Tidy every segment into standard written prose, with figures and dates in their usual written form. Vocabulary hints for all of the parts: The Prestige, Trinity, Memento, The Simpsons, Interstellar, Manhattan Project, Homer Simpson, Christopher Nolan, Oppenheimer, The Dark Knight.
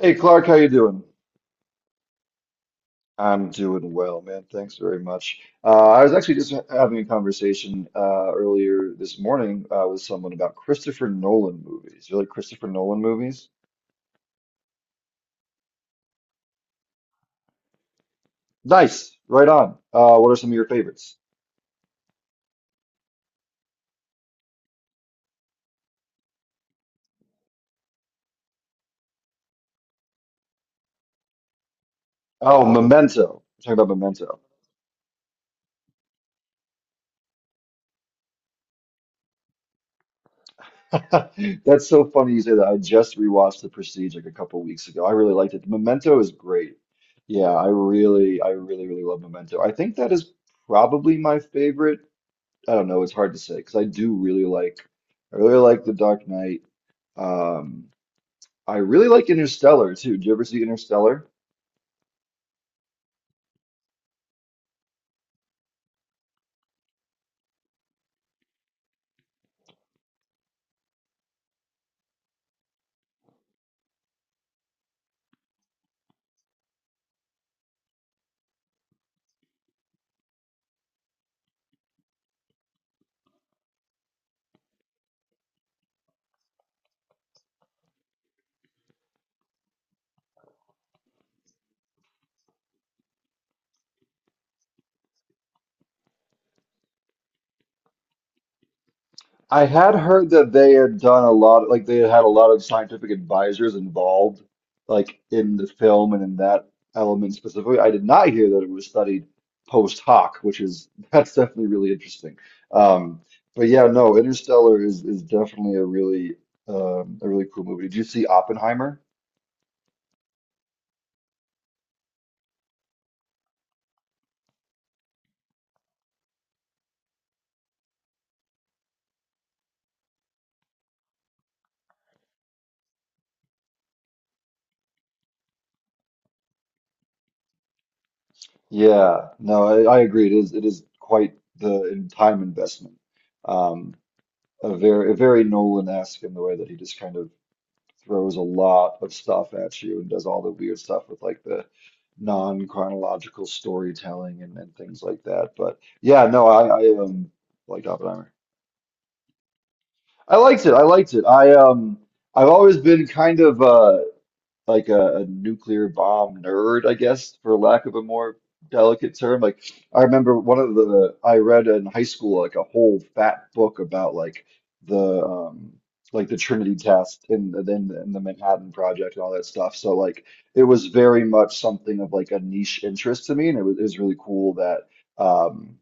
Hey Clark, how you doing? I'm doing well, man. Thanks very much. I was actually just having a conversation earlier this morning with someone about Christopher Nolan movies. You like Christopher Nolan movies? Nice, right on. What are some of your favorites? Oh, Memento. We're talking about Memento. That's so funny you say that. I just rewatched The Prestige like a couple weeks ago. I really liked it. Memento is great. Yeah, I really, really love Memento. I think that is probably my favorite. I don't know, it's hard to say because I really like The Dark Knight. Um, I really like Interstellar too. Did you ever see Interstellar? I had heard that they had had a lot of scientific advisors involved, like in the film and in that element specifically. I did not hear that it was studied post hoc, which is that's definitely really interesting. Um, but yeah, no, Interstellar is definitely a really cool movie. Did you see Oppenheimer? Yeah, no, I agree. It is quite the in time investment. Um, a very Nolan-esque in the way that he just kind of throws a lot of stuff at you and does all the weird stuff with like the non-chronological storytelling and things like that. But yeah, no, I like Oppenheimer. I liked it. I liked it. I've always been kind of like a nuclear bomb nerd, I guess, for lack of a more delicate term. Like I remember one of the I read in high school like a whole fat book about the um like the Trinity test and the Manhattan Project and all that stuff. So like it was very much something of like a niche interest to me, and it was really cool that. um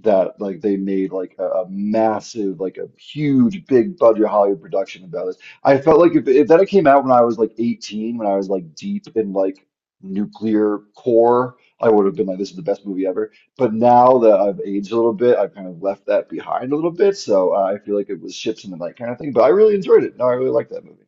that like they made like a massive like a huge big budget Hollywood production about this. I felt like if that had came out when I was like 18, when I was like deep in like nuclear core, I would have been like, this is the best movie ever. But now that I've aged a little bit, I've kind of left that behind a little bit. So I feel like it was ships in the night kind of thing. But I really enjoyed it. No, I really liked that movie.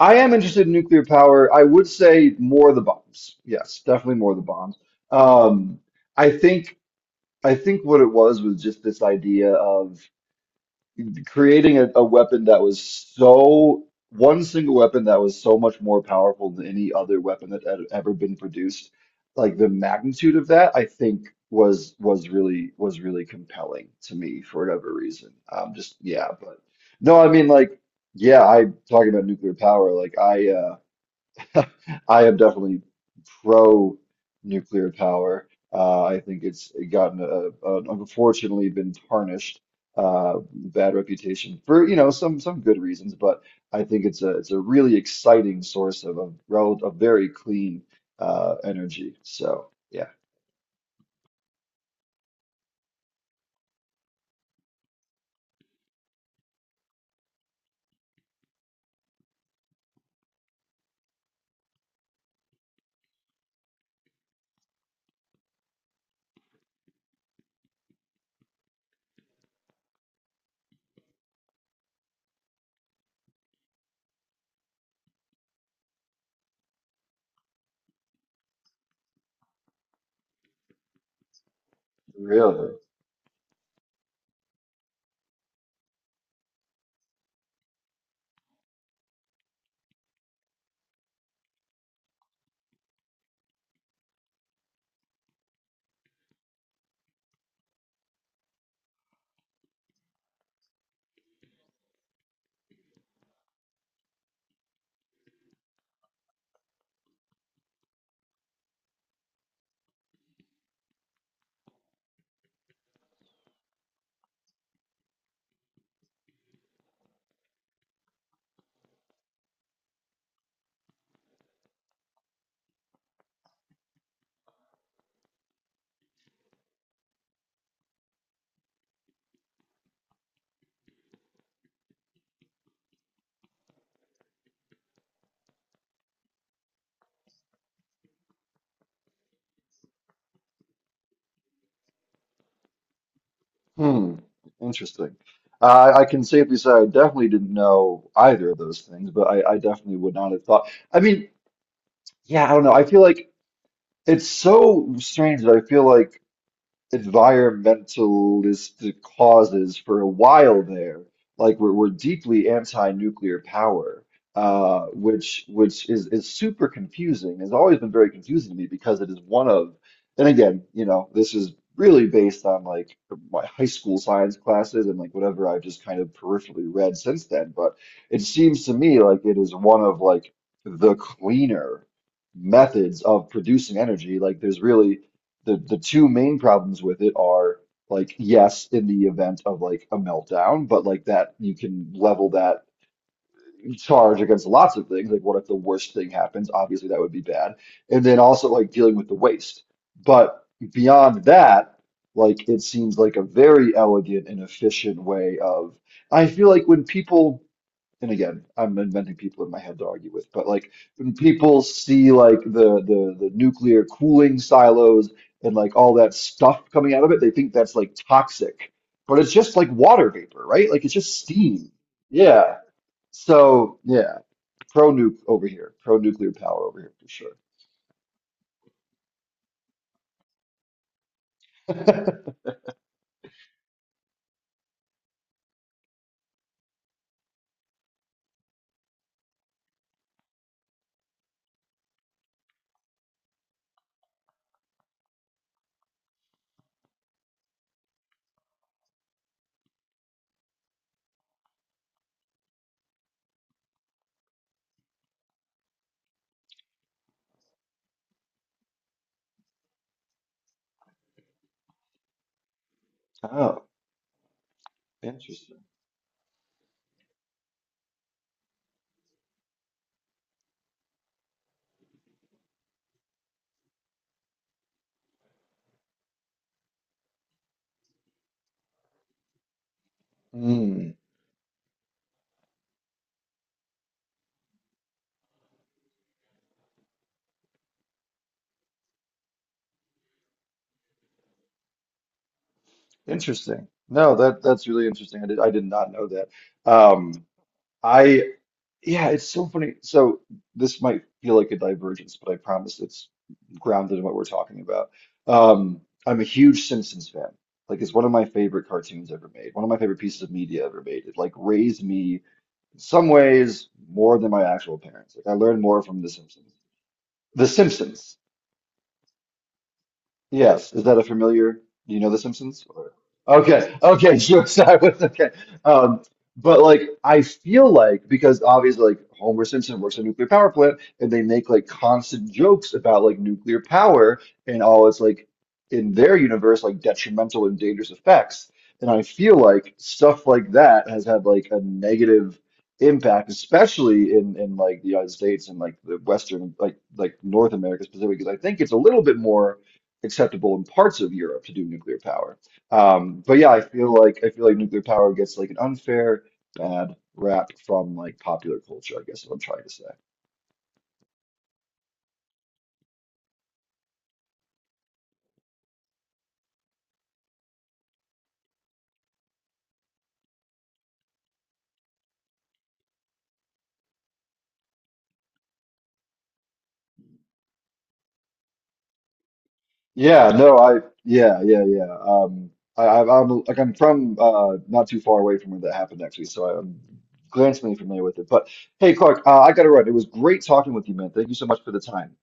I am interested in nuclear power. I would say more of the bombs. Yes, definitely more of the bombs. Um, I think. I think what it was just this idea of creating a weapon that was so one single weapon that was so much more powerful than any other weapon that had ever been produced. Like the magnitude of that, I think was really was really compelling to me for whatever reason. Just yeah, but no, I mean like yeah, I talking about nuclear power. Like I I am definitely pro nuclear power. I think it's gotten unfortunately been tarnished, bad reputation for you know some good reasons, but I think it's a really exciting source of a very clean energy. So yeah, really, hmm, interesting. I can safely say I definitely didn't know either of those things, but I definitely would not have thought. I mean, yeah, I don't know. I feel like. It's so strange that I feel like environmentalist causes for a while there. Like we're deeply anti-nuclear power, which which is super confusing. Has always been very confusing to me because it is one of, and again, you know, this is really based on like my high school science classes and like whatever I've just kind of peripherally read since then. But it seems to me like it is one of like the cleaner methods of producing energy. Like there's really the two main problems with it are like yes in the event of like a meltdown but like that you can level that charge against lots of things like what if the worst thing happens obviously that would be bad and then also like dealing with the waste but beyond that like it seems like a very elegant and efficient way of I feel like when people and again, I'm inventing people in my head to argue with, but like when people see like the nuclear cooling silos and like all that stuff coming out of it, they think that's like toxic. But it's just like water vapor, right? Like it's just steam. Yeah. So yeah, pro nuke over here, pro nuclear power over here for sure. Oh, interesting. Mm, interesting. No, that that's really interesting. I did not know that. Um, I yeah, it's so funny. So this might feel like a divergence, but I promise it's grounded in what we're talking about. Um, I'm a huge Simpsons fan. Like it's one of my favorite cartoons ever made, one of my favorite pieces of media ever made. It like raised me in some ways more than my actual parents. Like I learned more from The Simpsons. The Simpsons. Yes, is that a familiar? Do you know The Simpsons? Or- Okay, okay, sure. So I was okay. Um, but like, I feel like because obviously, like Homer Simpson works at a nuclear power plant, and they make like constant jokes about like nuclear power and all its like in their universe like detrimental and dangerous effects. And I feel like stuff like that has had like a negative impact, especially in like the United States and like the Western like North America specifically, because I think it's a little bit more acceptable in parts of Europe to do nuclear power. But yeah, I feel like nuclear power gets like an unfair bad rap from like popular culture, I guess is what I'm trying to say. Yeah, no, I yeah, yeah, yeah. I'm like I'm from not too far away from where that happened actually, so I'm glancingly familiar with it. But hey Clark, I gotta run. It was great talking with you, man. Thank you so much for the time.